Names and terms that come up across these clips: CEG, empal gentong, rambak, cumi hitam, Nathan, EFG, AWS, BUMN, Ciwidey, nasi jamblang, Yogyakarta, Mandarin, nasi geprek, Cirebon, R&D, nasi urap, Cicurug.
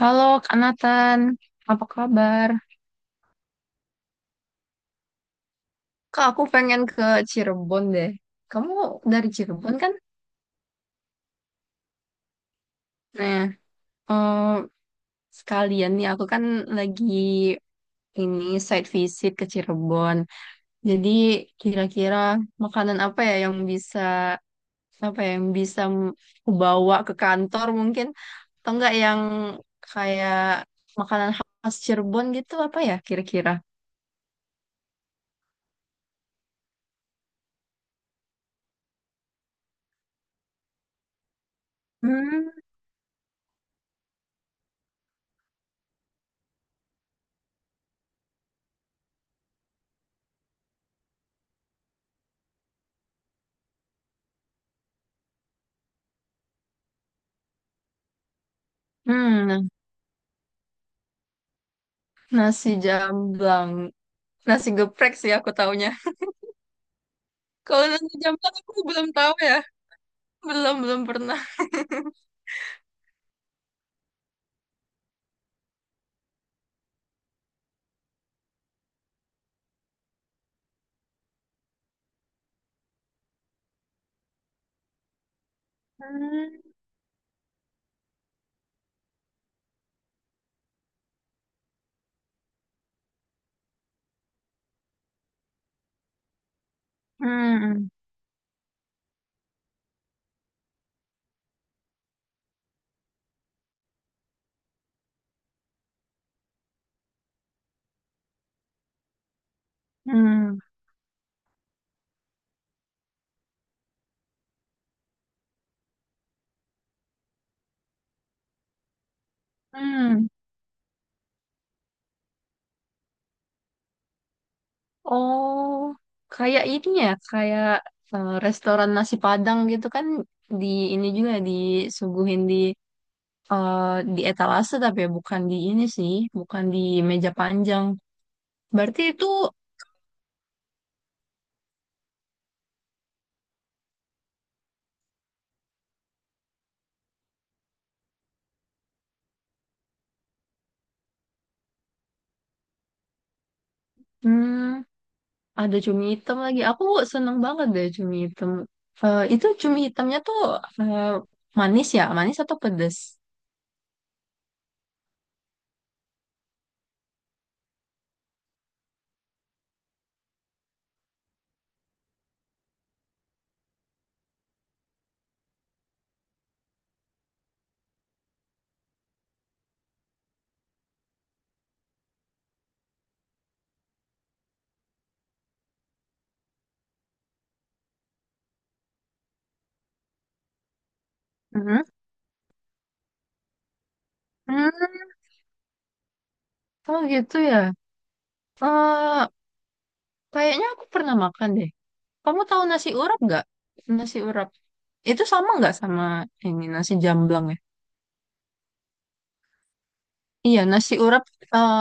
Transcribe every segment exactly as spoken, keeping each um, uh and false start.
Halo Kak Nathan, apa kabar? Kak, aku pengen ke Cirebon deh. Kamu dari Cirebon kan? Nah, eh, sekalian nih aku kan lagi ini site visit ke Cirebon. Jadi kira-kira makanan apa ya yang bisa apa ya, yang bisa m- aku bawa ke kantor mungkin? Atau enggak yang kayak makanan khas Cirebon gitu apa ya kira-kira? Hmm. hmm, Nasi jamblang. Nasi geprek sih aku taunya. Kalau nasi jamblang aku belum tahu ya. Belum, belum pernah. Hmm. Hmm. Hmm. Hmm. Oh, kayak ini ya, kayak eh, restoran nasi Padang gitu kan di ini juga disuguhin di eh, di etalase, tapi ya bukan di ini sih, bukan di meja panjang. Berarti itu. Hmm. Ada cumi hitam lagi. Aku seneng banget deh cumi hitam. Eh, itu cumi hitamnya tuh eh, manis ya? Manis atau pedes? Mhm. Hmm, Oh gitu ya. Eh, kayaknya aku pernah makan deh. Kamu tahu nasi urap nggak? Nasi urap. Itu sama nggak sama ini nasi jamblang ya? Iya, nasi urap eh,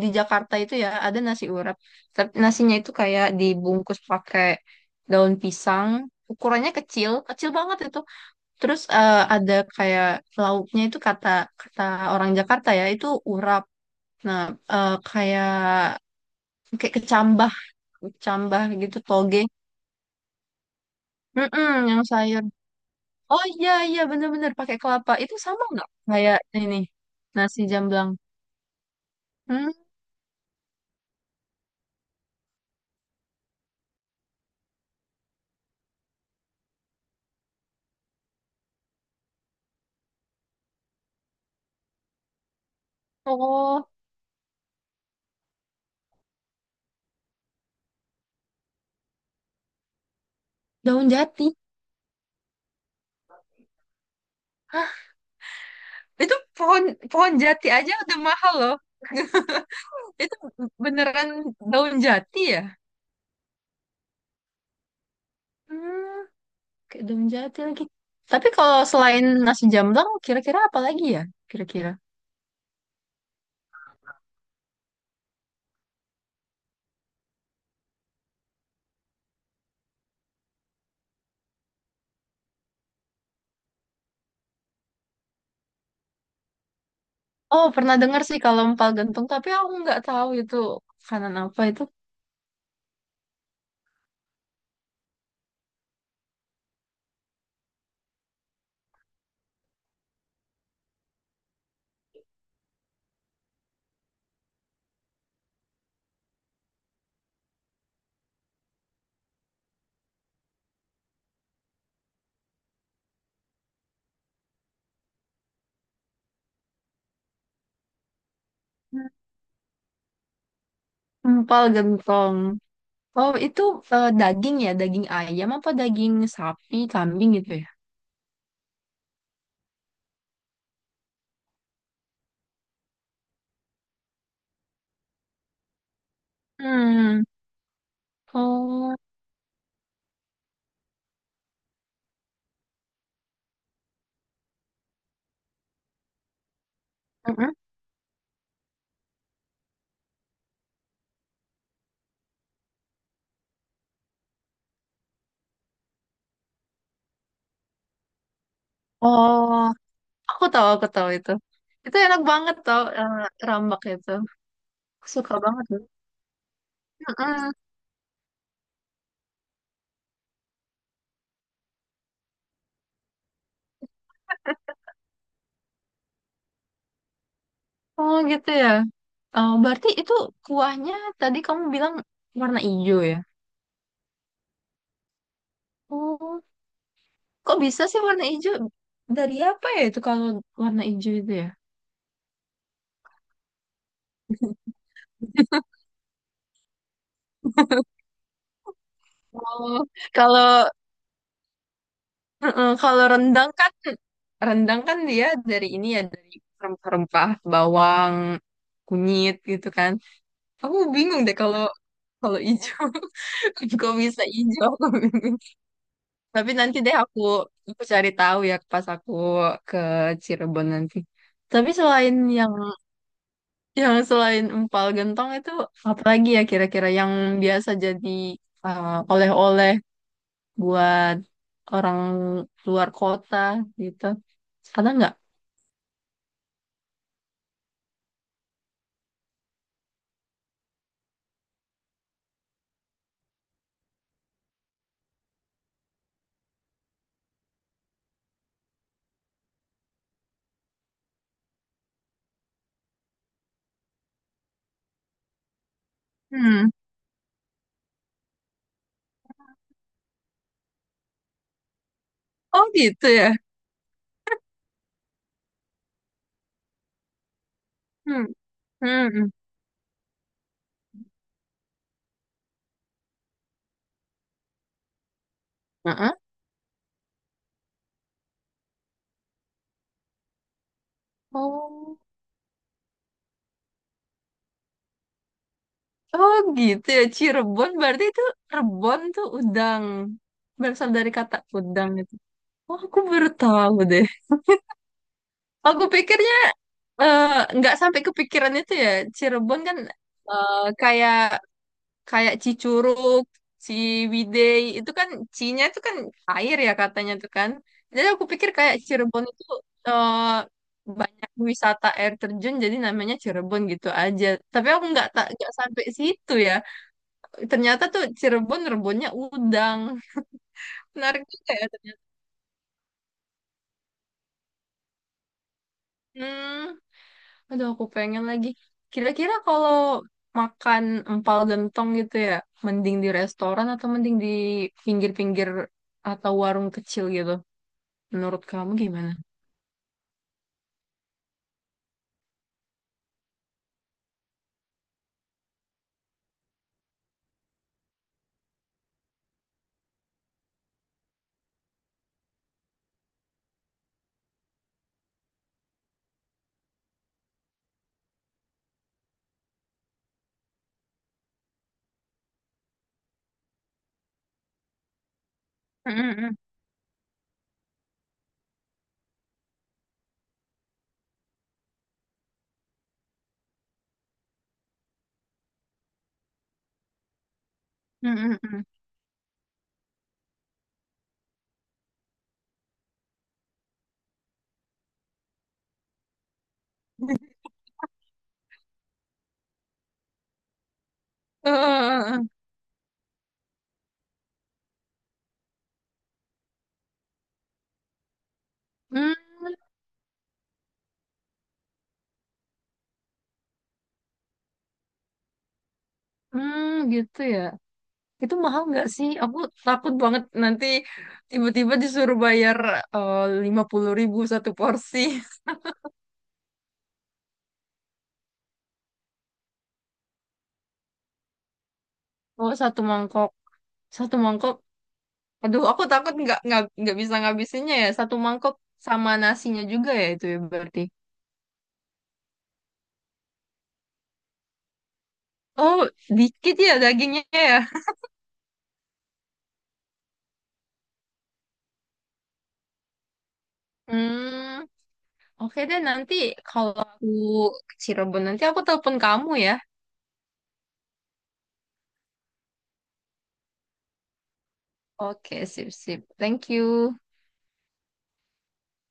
di Jakarta itu ya ada nasi urap. Tapi nasinya itu kayak dibungkus pakai daun pisang. Ukurannya kecil, kecil banget itu. Terus eh, ada kayak lauknya itu kata kata orang Jakarta ya itu urap. Nah, eh, kayak kayak kecambah, kecambah gitu toge. Mm-mm, yang sayur. Oh iya iya bener-bener pakai kelapa. Itu sama nggak kayak ini nasi jamblang? Hmm, oh daun jati. Hah, itu pohon pohon jati aja udah mahal loh. Itu beneran daun jati ya? Hmm. Kedung jati lagi. Tapi kalau selain nasi jamblang, kira-kira apa lagi ya? Kira-kira. Oh, pernah dengar sih kalau empal gentong, tapi aku nggak tahu itu makanan apa itu. Empal gentong. Oh, itu eh, daging ya, daging ayam apa daging sapi, kambing gitu ya? Hmm. Oh, mm-mm. Oh, aku tahu, aku tahu itu. Itu enak banget tau, eh, rambak itu. Aku suka banget. Mm-mm. Oh gitu ya. Oh, berarti itu kuahnya tadi kamu bilang warna hijau ya? Oh, kok bisa sih warna hijau? Dari apa ya itu kalau warna hijau itu ya? Oh, kalau Mm-mm, kalau rendang kan rendang kan dia dari ini ya dari rempah-rempah bawang kunyit gitu kan. Aku bingung deh kalau kalau hijau kok bisa hijau? Tapi nanti deh aku aku cari tahu ya pas aku ke Cirebon nanti. Tapi selain yang yang selain empal gentong itu apa lagi ya kira-kira yang biasa jadi uh, oleh-oleh buat orang luar kota gitu. Ada nggak? Hmm. Oh gitu ya. Hmm. Hmm. Heeh. Oh. Oh gitu ya. Cirebon berarti itu Rebon tuh udang. Berasal dari kata udang. Oh, aku baru tahu deh. Aku pikirnya eh, nggak sampai kepikiran itu ya. Cirebon kan eh, kayak kayak Cicurug, Ciwidey itu kan C-nya itu kan air ya katanya tuh kan. Jadi aku pikir kayak Cirebon itu eh, banyak wisata air terjun jadi namanya Cirebon gitu aja. Tapi aku nggak tak nggak sampai situ ya. Ternyata tuh Cirebon rebonnya udang. Menarik juga ya ternyata. Hmm. Aduh, aku pengen lagi. Kira-kira kalau makan empal gentong gitu ya, mending di restoran atau mending di pinggir-pinggir atau warung kecil gitu? Menurut kamu gimana? Mm-mm-mm. Mm-mm-mm. Eh, eh, eh, eh. Hmm, hmm, gitu ya. Itu mahal nggak sih? Aku takut banget nanti tiba-tiba disuruh bayar eh, lima puluh ribu satu porsi. Oh, satu mangkok. Satu mangkok. Aduh, aku takut nggak nggak nggak bisa ngabisinnya ya. Satu mangkok sama nasinya juga ya itu ya berarti. Oh, dikit ya dagingnya ya. Hmm, oke deh nanti kalau aku ke Cirebon nanti aku telepon kamu ya. Oke, sip sip. Thank you.